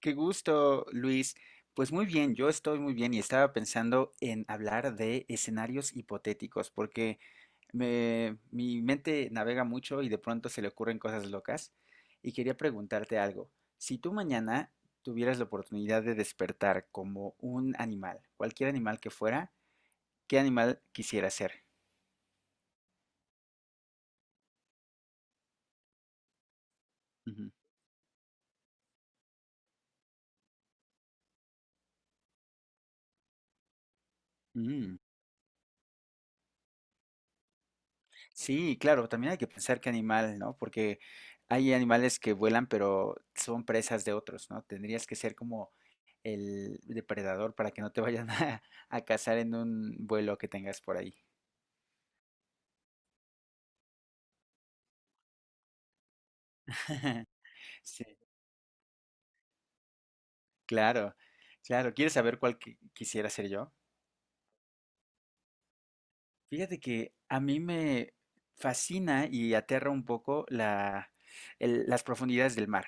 Qué gusto, Luis. Pues muy bien, yo estoy muy bien y estaba pensando en hablar de escenarios hipotéticos, porque mi mente navega mucho y de pronto se le ocurren cosas locas. Y quería preguntarte algo. Si tú mañana tuvieras la oportunidad de despertar como un animal, cualquier animal que fuera, ¿qué animal quisieras ser? Ujú. Mm, Sí, claro, también hay que pensar qué animal, ¿no? Porque hay animales que vuelan, pero son presas de otros, ¿no? Tendrías que ser como el depredador para que no te vayan a cazar en un vuelo que tengas por ahí. Sí, claro, claro. ¿Quieres saber cuál quisiera ser yo? Fíjate que a mí me fascina y aterra un poco las profundidades del mar.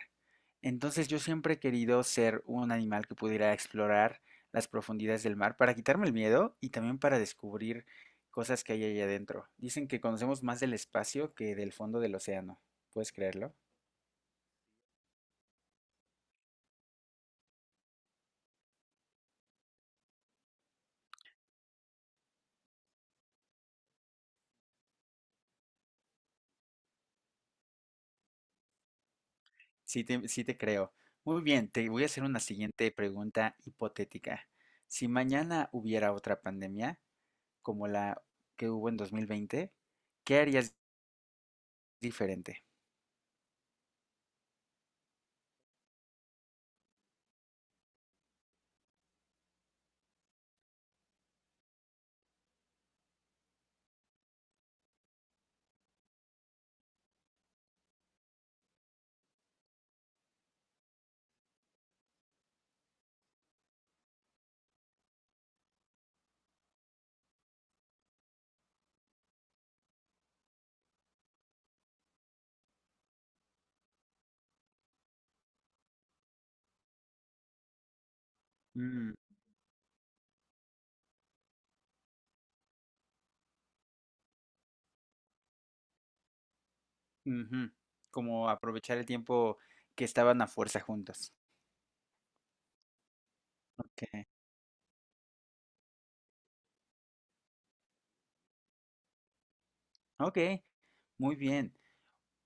Entonces yo siempre he querido ser un animal que pudiera explorar las profundidades del mar para quitarme el miedo y también para descubrir cosas que hay ahí adentro. Dicen que conocemos más del espacio que del fondo del océano. ¿Puedes creerlo? Sí te creo. Muy bien, te voy a hacer una siguiente pregunta hipotética. Si mañana hubiera otra pandemia, como la que hubo en 2020, ¿qué harías diferente? Mm, ujú. Como aprovechar el tiempo que estaban a fuerza juntos. Ok, ok, muy bien.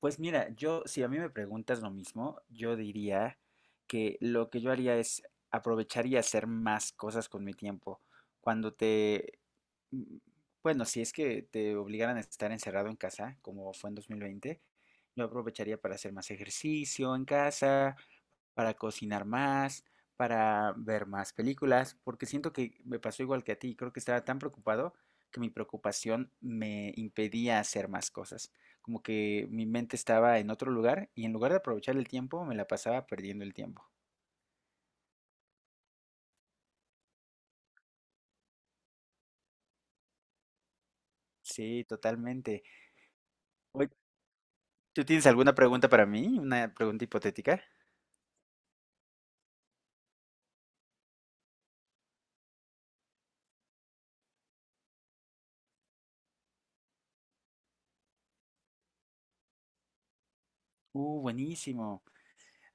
Pues mira, yo, si a mí me preguntas lo mismo, yo diría que lo que yo haría es aprovechar y hacer más cosas con mi tiempo. Cuando te, mm, bueno, si es que te obligaran a estar encerrado en casa, como fue en 2020, yo aprovecharía para hacer más ejercicio en casa, para cocinar más, para ver más películas, porque siento que me pasó igual que a ti, creo que estaba tan preocupado que mi preocupación me impedía hacer más cosas. Como que mi mente estaba en otro lugar y en lugar de aprovechar el tiempo, me la pasaba perdiendo el tiempo. Sí, totalmente. Oye, ¿tú tienes alguna pregunta para mí? ¿Una pregunta hipotética? Buenísimo.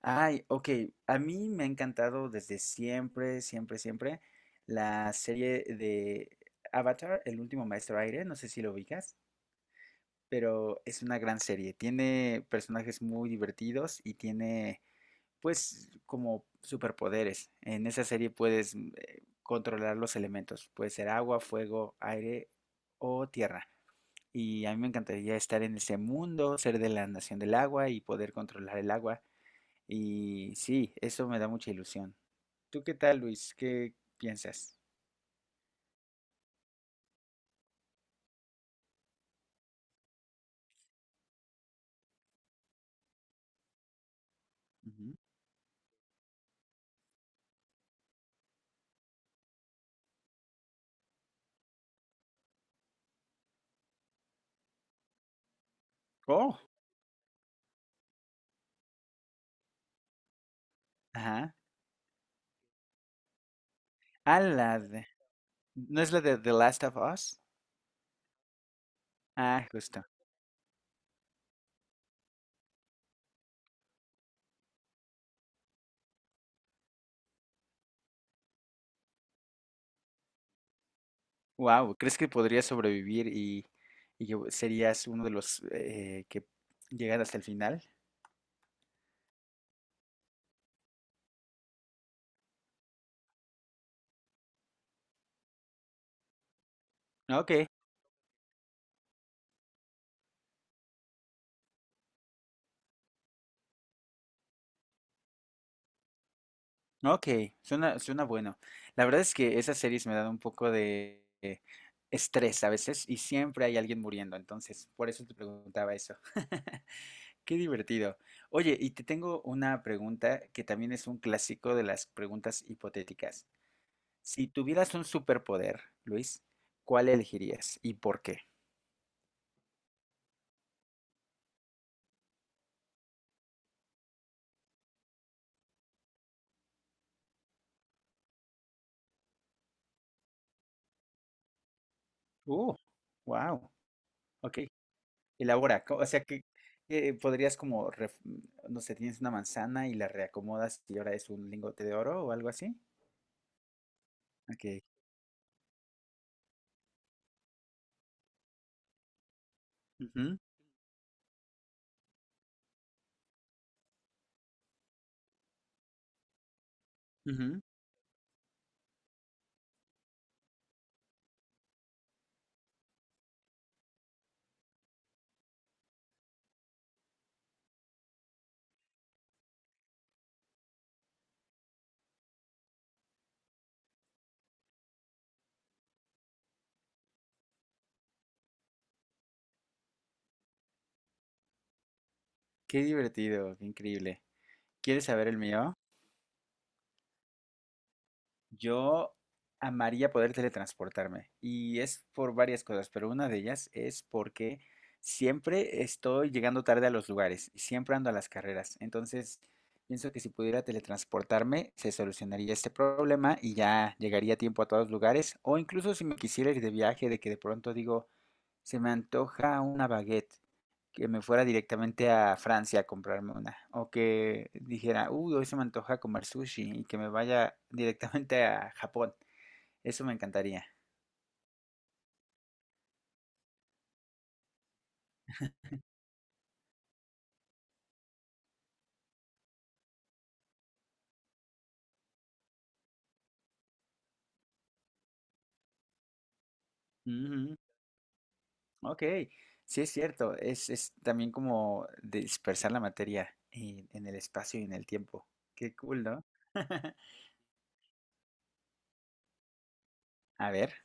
Ay, ok. A mí me ha encantado desde siempre, siempre, siempre la serie de Avatar, El último maestro aire. No sé si lo ubicas, pero es una gran serie. Tiene personajes muy divertidos y tiene pues como superpoderes. En esa serie puedes controlar los elementos. Puede ser agua, fuego, aire o tierra. Y a mí me encantaría estar en ese mundo, ser de la nación del agua y poder controlar el agua. Y sí, eso me da mucha ilusión. ¿Tú qué tal, Luis? ¿Qué piensas? Ujú. Oh, ajá. Ah, la de- ¿No es la de The Last of Us? Ah, justo. Wow, ¿crees que podrías sobrevivir y que serías uno de los que llegan hasta el final? No, ok, no, ok, suena, suena bueno. La verdad es que esas series me dan un poco de estrés a veces y siempre hay alguien muriendo, entonces por eso te preguntaba eso. Qué divertido. Oye, y te tengo una pregunta que también es un clásico de las preguntas hipotéticas. Si tuvieras un superpoder, Luis, ¿cuál elegirías y por qué? Uh, wow. Ok. Elabora, o sea que podrías como, no sé, tienes una manzana y la reacomodas y ahora es un lingote de oro o algo así. Ok. Ujú, ujú. Qué divertido, qué increíble. ¿Quieres saber el mío? Yo amaría poder teletransportarme y es por varias cosas, pero una de ellas es porque siempre estoy llegando tarde a los lugares y siempre ando a las carreras. Entonces, pienso que si pudiera teletransportarme, se solucionaría este problema y ya llegaría a tiempo a todos los lugares. O incluso si me quisiera ir de viaje, de que de pronto digo, se me antoja una baguette que me fuera directamente a Francia a comprarme una. O que dijera, uy, hoy se me antoja comer sushi y que me vaya directamente a Japón. Eso me encantaría. Ujú, Ok, sí es cierto. Es también como dispersar la materia en el espacio y en el tiempo. Qué cool, ¿no? A ver.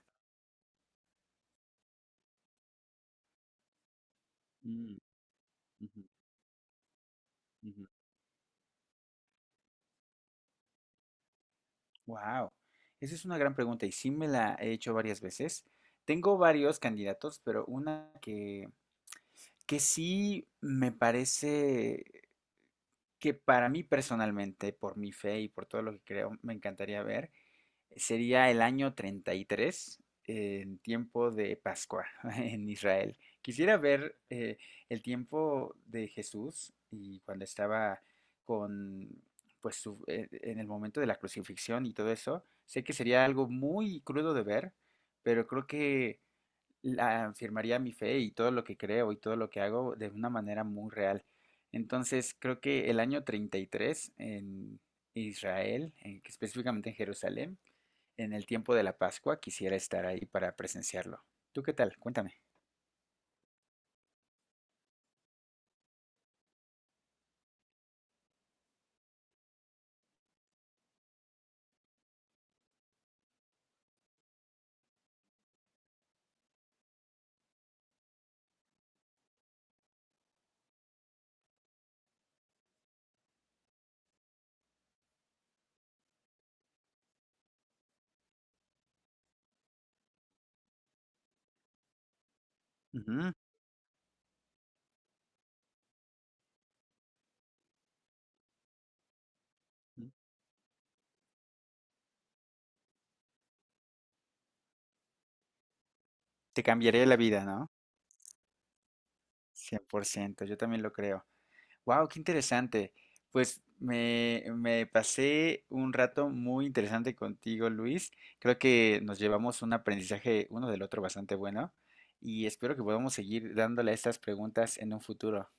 Wow. Esa es una gran pregunta y sí me la he hecho varias veces. Tengo varios candidatos, pero una que sí me parece que para mí personalmente, por mi fe y por todo lo que creo, me encantaría ver, sería el año 33 en tiempo de Pascua en Israel. Quisiera ver el tiempo de Jesús y cuando estaba con, en el momento de la crucifixión y todo eso. Sé que sería algo muy crudo de ver, pero creo que afirmaría mi fe y todo lo que creo y todo lo que hago de una manera muy real. Entonces, creo que el año 33 en Israel, específicamente en Jerusalén, en el tiempo de la Pascua, quisiera estar ahí para presenciarlo. ¿Tú qué tal? Cuéntame. Ujú, Te cambiaría la vida, ¿no? 100%. Yo también lo creo. Wow, qué interesante. Me pasé un rato muy interesante contigo, Luis. Creo que nos llevamos un aprendizaje uno del otro bastante bueno y espero que podamos seguir dándole a estas preguntas en un futuro.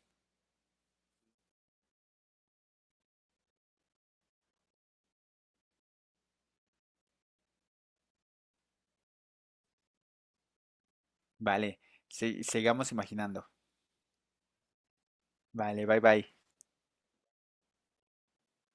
Vale, sigamos imaginando. Vale, bye bye.